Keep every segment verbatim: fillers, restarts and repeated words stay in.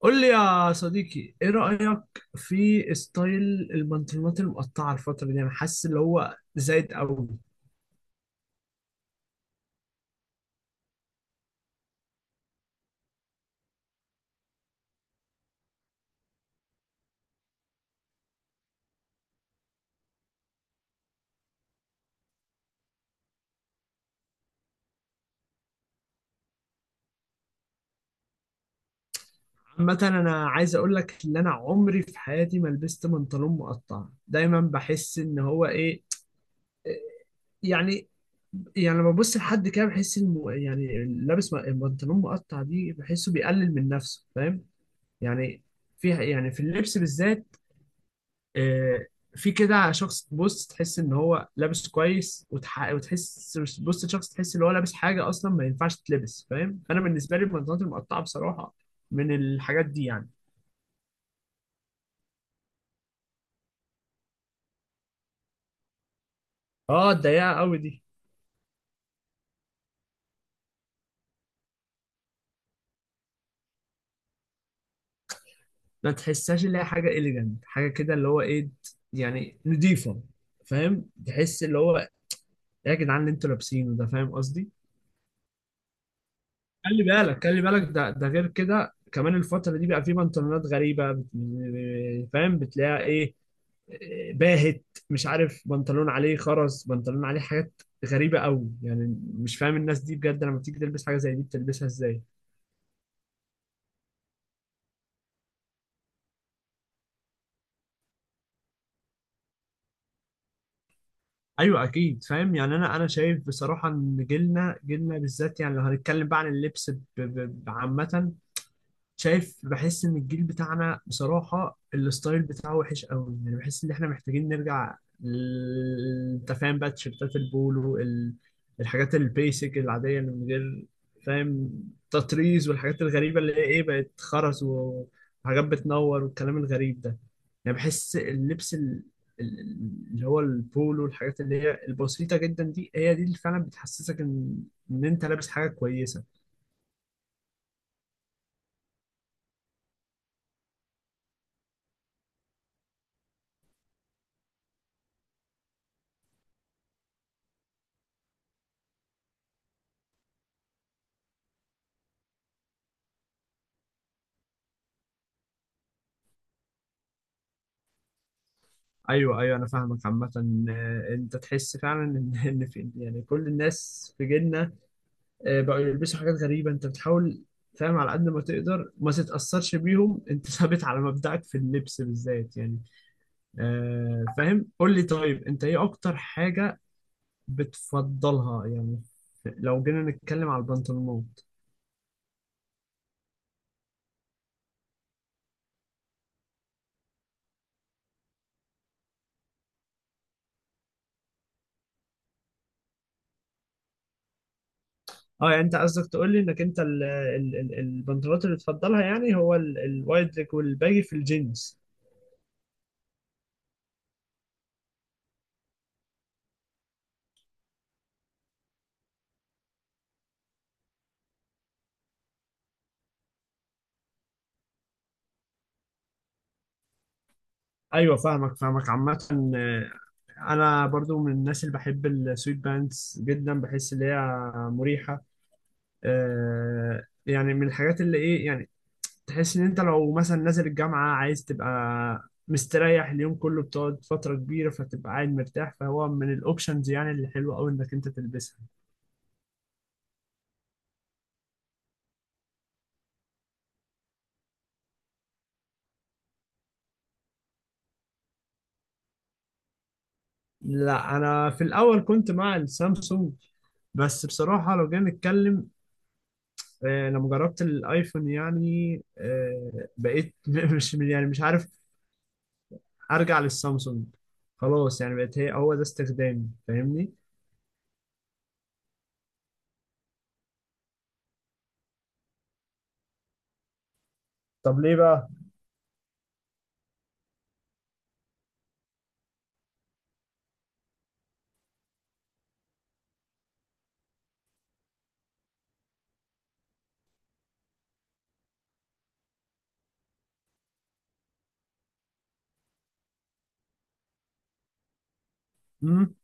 قول لي يا صديقي، ايه رأيك في ستايل البنطلونات المقطعة الفترة دي؟ انا حاسس اللي هو زايد قوي. عامة انا عايز اقول لك ان انا عمري في حياتي ما لبست بنطلون مقطع. دايما بحس ان هو ايه يعني يعني لما ببص لحد كده بحس الم... يعني لابس م- البنطلون مقطع دي، بحسه بيقلل من نفسه، فاهم يعني، في يعني في اللبس بالذات. آه، في كده شخص بص تحس ان هو لابس كويس، وتح... وتحس بص شخص تحس ان هو لابس حاجه اصلا ما ينفعش تلبس. فاهم، انا بالنسبه لي البنطلونات المقطعه بصراحه من الحاجات دي يعني. اه، الضيقه قوي دي، ما تحسهاش اللي هي حاجه اليجنت، حاجه كده اللي هو ايه يعني، نضيفه. فاهم، تحس اللي هو إيه يا جدعان اللي انتوا لابسينه ده؟ فاهم قصدي؟ خلي بالك خلي بالك، ده ده غير كده كمان الفترة دي بقى في بنطلونات غريبة بت- فاهم، بتلاقيها ايه؟ باهت، مش عارف، بنطلون عليه خرز، بنطلون عليه حاجات غريبة قوي. يعني مش فاهم الناس دي بجد لما بتيجي تلبس حاجة زي دي بتلبسها ازاي. ايوه اكيد فاهم يعني، انا انا شايف بصراحة ان جيلنا جيلنا بالذات، يعني لو هنتكلم بقى عن اللبس ب- ب- عامة، شايف بحس ان الجيل بتاعنا بصراحة الستايل بتاعه وحش قوي. يعني بحس ان احنا محتاجين نرجع ل- انت فاهم بقى تيشيرتات البولو، ال- الحاجات البيسك العادية اللي من غير، فاهم، تطريز والحاجات الغريبة اللي هي ايه، بقت خرز و- وحاجات بتنور والكلام الغريب ده. يعني بحس اللبس ال- ال- اللي هو البولو والحاجات اللي هي البسيطة جدا دي، هي دي اللي فعلا بتحسسك ان ان انت لابس حاجة كويسة. ايوه، ايوه، انا فاهمك عامه. آه، انت تحس فعلا ان ان في يعني كل الناس في جيلنا آه، بقوا يلبسوا حاجات غريبه. انت بتحاول، فاهم، على قد ما تقدر ما تتاثرش بيهم، انت ثابت على مبدأك في اللبس بالذات يعني. آه، فاهم، قول لي طيب، انت ايه اكتر حاجه بتفضلها يعني لو جينا نتكلم على البنطلونات؟ اه يعني انت قصدك تقول لي انك انت ال- ال- ال- البنطلونات اللي بتفضلها، يعني هو ال- الوايد ليج والباجي في الجينز؟ ايوه، فاهمك فاهمك عامة. آه، انا برضو من الناس اللي بحب السويت بانس جدا، بحس ان هي مريحه. آه يعني من الحاجات اللي ايه يعني، تحس ان انت لو مثلا نازل الجامعه عايز تبقى مستريح اليوم كله، بتقعد فتره كبيره فتبقى قاعد مرتاح، فهو من الاوبشنز يعني اللي حلوه قوي انك انت تلبسها. لا، انا في الاول كنت مع السامسونج. بس بصراحه لو جينا نتكلم، آه لما جربت الايفون، يعني آه بقيت مش يعني مش عارف ارجع للسامسونج. خلاص يعني بقت هي، هو ده استخدامي، فاهمني؟ طب ليه بقى؟ امم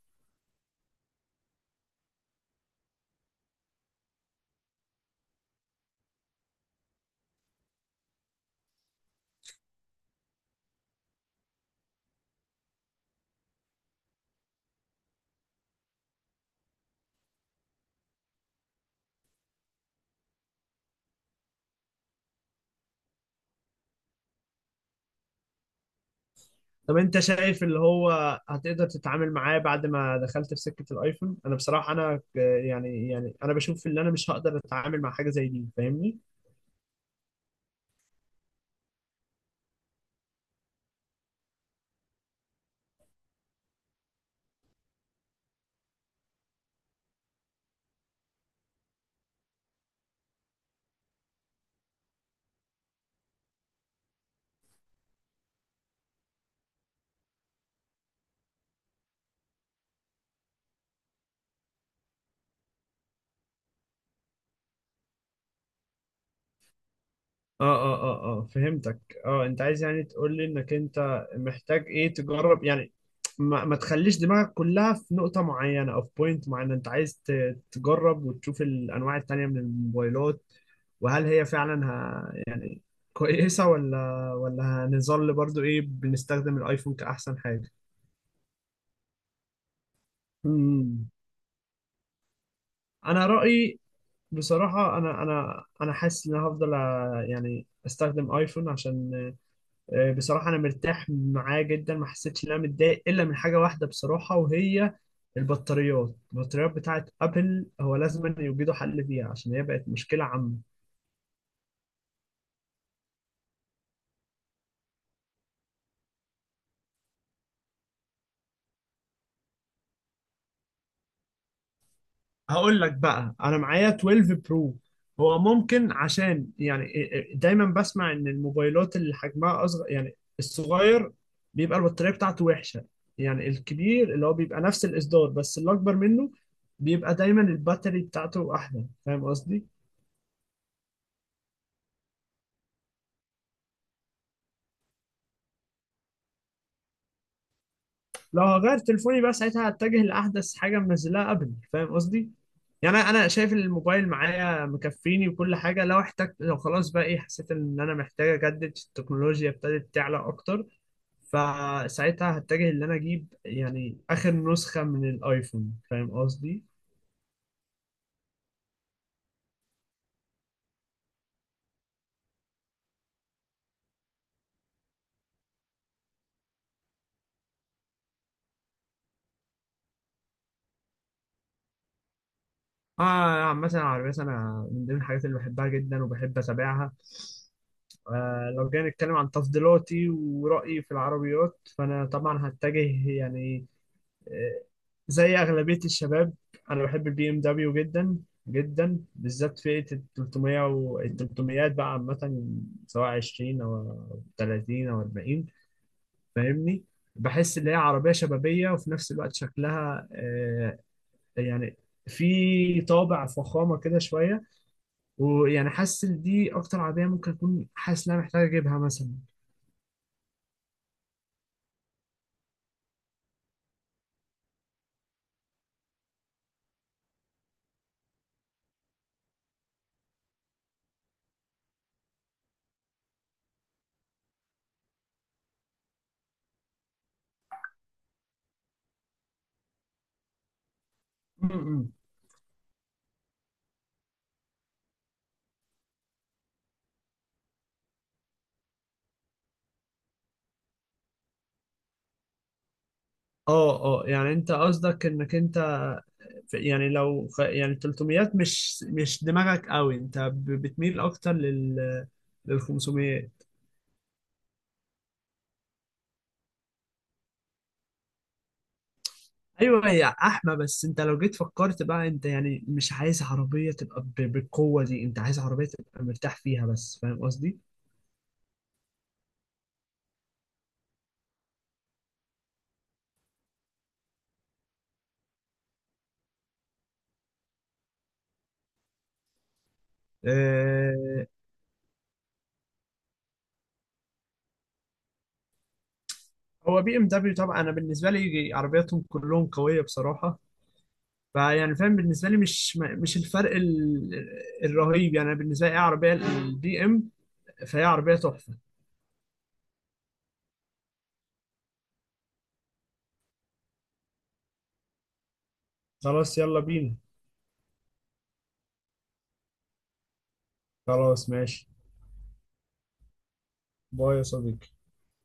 طب انت شايف اللي هو هتقدر تتعامل معاه بعد ما دخلت في سكة الايفون؟ انا بصراحة، انا ك- يعني يعني انا بشوف اللي انا مش هقدر اتعامل مع حاجة زي دي، فاهمني؟ اه، اه، اه، اه، فهمتك. اه، انت عايز يعني تقول لي انك انت محتاج ايه تجرب يعني، ما, ما تخليش دماغك كلها في نقطة معينة او في بوينت معينة. انت عايز ت- تجرب وتشوف الانواع التانية من الموبايلات، وهل هي فعلا ه... يعني كويسة، ولا ولا هنظل برضو ايه بنستخدم الايفون كأحسن حاجة؟ مم. انا رأيي بصراحة، انا انا انا حاسس ان انا هفضل آه، يعني استخدم ايفون، عشان آه، بصراحة أنا مرتاح معاه جدا، ما حسيتش إن أنا متضايق إلا من حاجة واحدة بصراحة، وهي البطاريات البطاريات بتاعت أبل، هو لازم أن يوجدوا حل فيها عشان هي بقت مشكلة عامة. هقول لك بقى، أنا معايا اثنا عشر برو. هو ممكن عشان يعني إيه- إيه، دايما بسمع إن الموبايلات اللي حجمها أصغر، يعني الصغير بيبقى البطارية بتاعته وحشة، يعني الكبير اللي هو بيبقى نفس الإصدار بس اللي أكبر منه بيبقى دايما الباتري بتاعته أحدث، فاهم قصدي؟ لو هغير تليفوني بقى، ساعتها هتجه لاحدث حاجه منزلها ابل، فاهم قصدي. يعني انا أنا شايف إن الموبايل معايا مكفيني وكل حاجه، لو احتجت، لو خلاص بقى ايه حسيت ان انا محتاج اجدد، التكنولوجيا ابتدت تعلى اكتر، فساعتها هتجه ان انا اجيب يعني اخر نسخه من الايفون، فاهم قصدي. اه مثلا العربيات، انا من ضمن الحاجات اللي بحبها جدا وبحب اتابعها. آه لو جينا نتكلم عن تفضيلاتي ورأيي في العربيات، فانا طبعا هتجه يعني زي أغلبية الشباب، أنا بحب البي إم دبليو جدا جدا، بالذات فئة ال تلتمية و ال تلتمية بقى عامة، سواء عشرين أو تلاتين أو أربعين، فاهمني، بحس إن هي عربية شبابية وفي نفس الوقت شكلها آه، يعني في طابع فخامة كده شوية، ويعني حاسس إن دي أكتر عربية ممكن أكون حاسس إن أنا محتاج أجيبها مثلا. م- م. اه، اه، يعني انت قصدك انك انت ف- يعني لو خ- يعني تلتمية مش مش دماغك قوي، انت ب- بتميل اكتر لل لل خمسمية. ايوه يا احمى، بس انت لو جيت فكرت بقى، انت يعني مش عايز عربيه تبقى ب- بالقوه دي، انت عايز عربيه تبقى مرتاح فيها بس، فاهم قصدي؟ آه هو بي ام دبليو طبعا، انا بالنسبه لي عربياتهم كلهم قويه بصراحه. فيعني فاهم، بالنسبه لي مش مش الفرق ال- الرهيب يعني، أنا بالنسبه لي ايه عربيه البي ام، فهي عربيه تحفه. خلاص يلا بينا. خلاص ماشي، باي يا صديقي.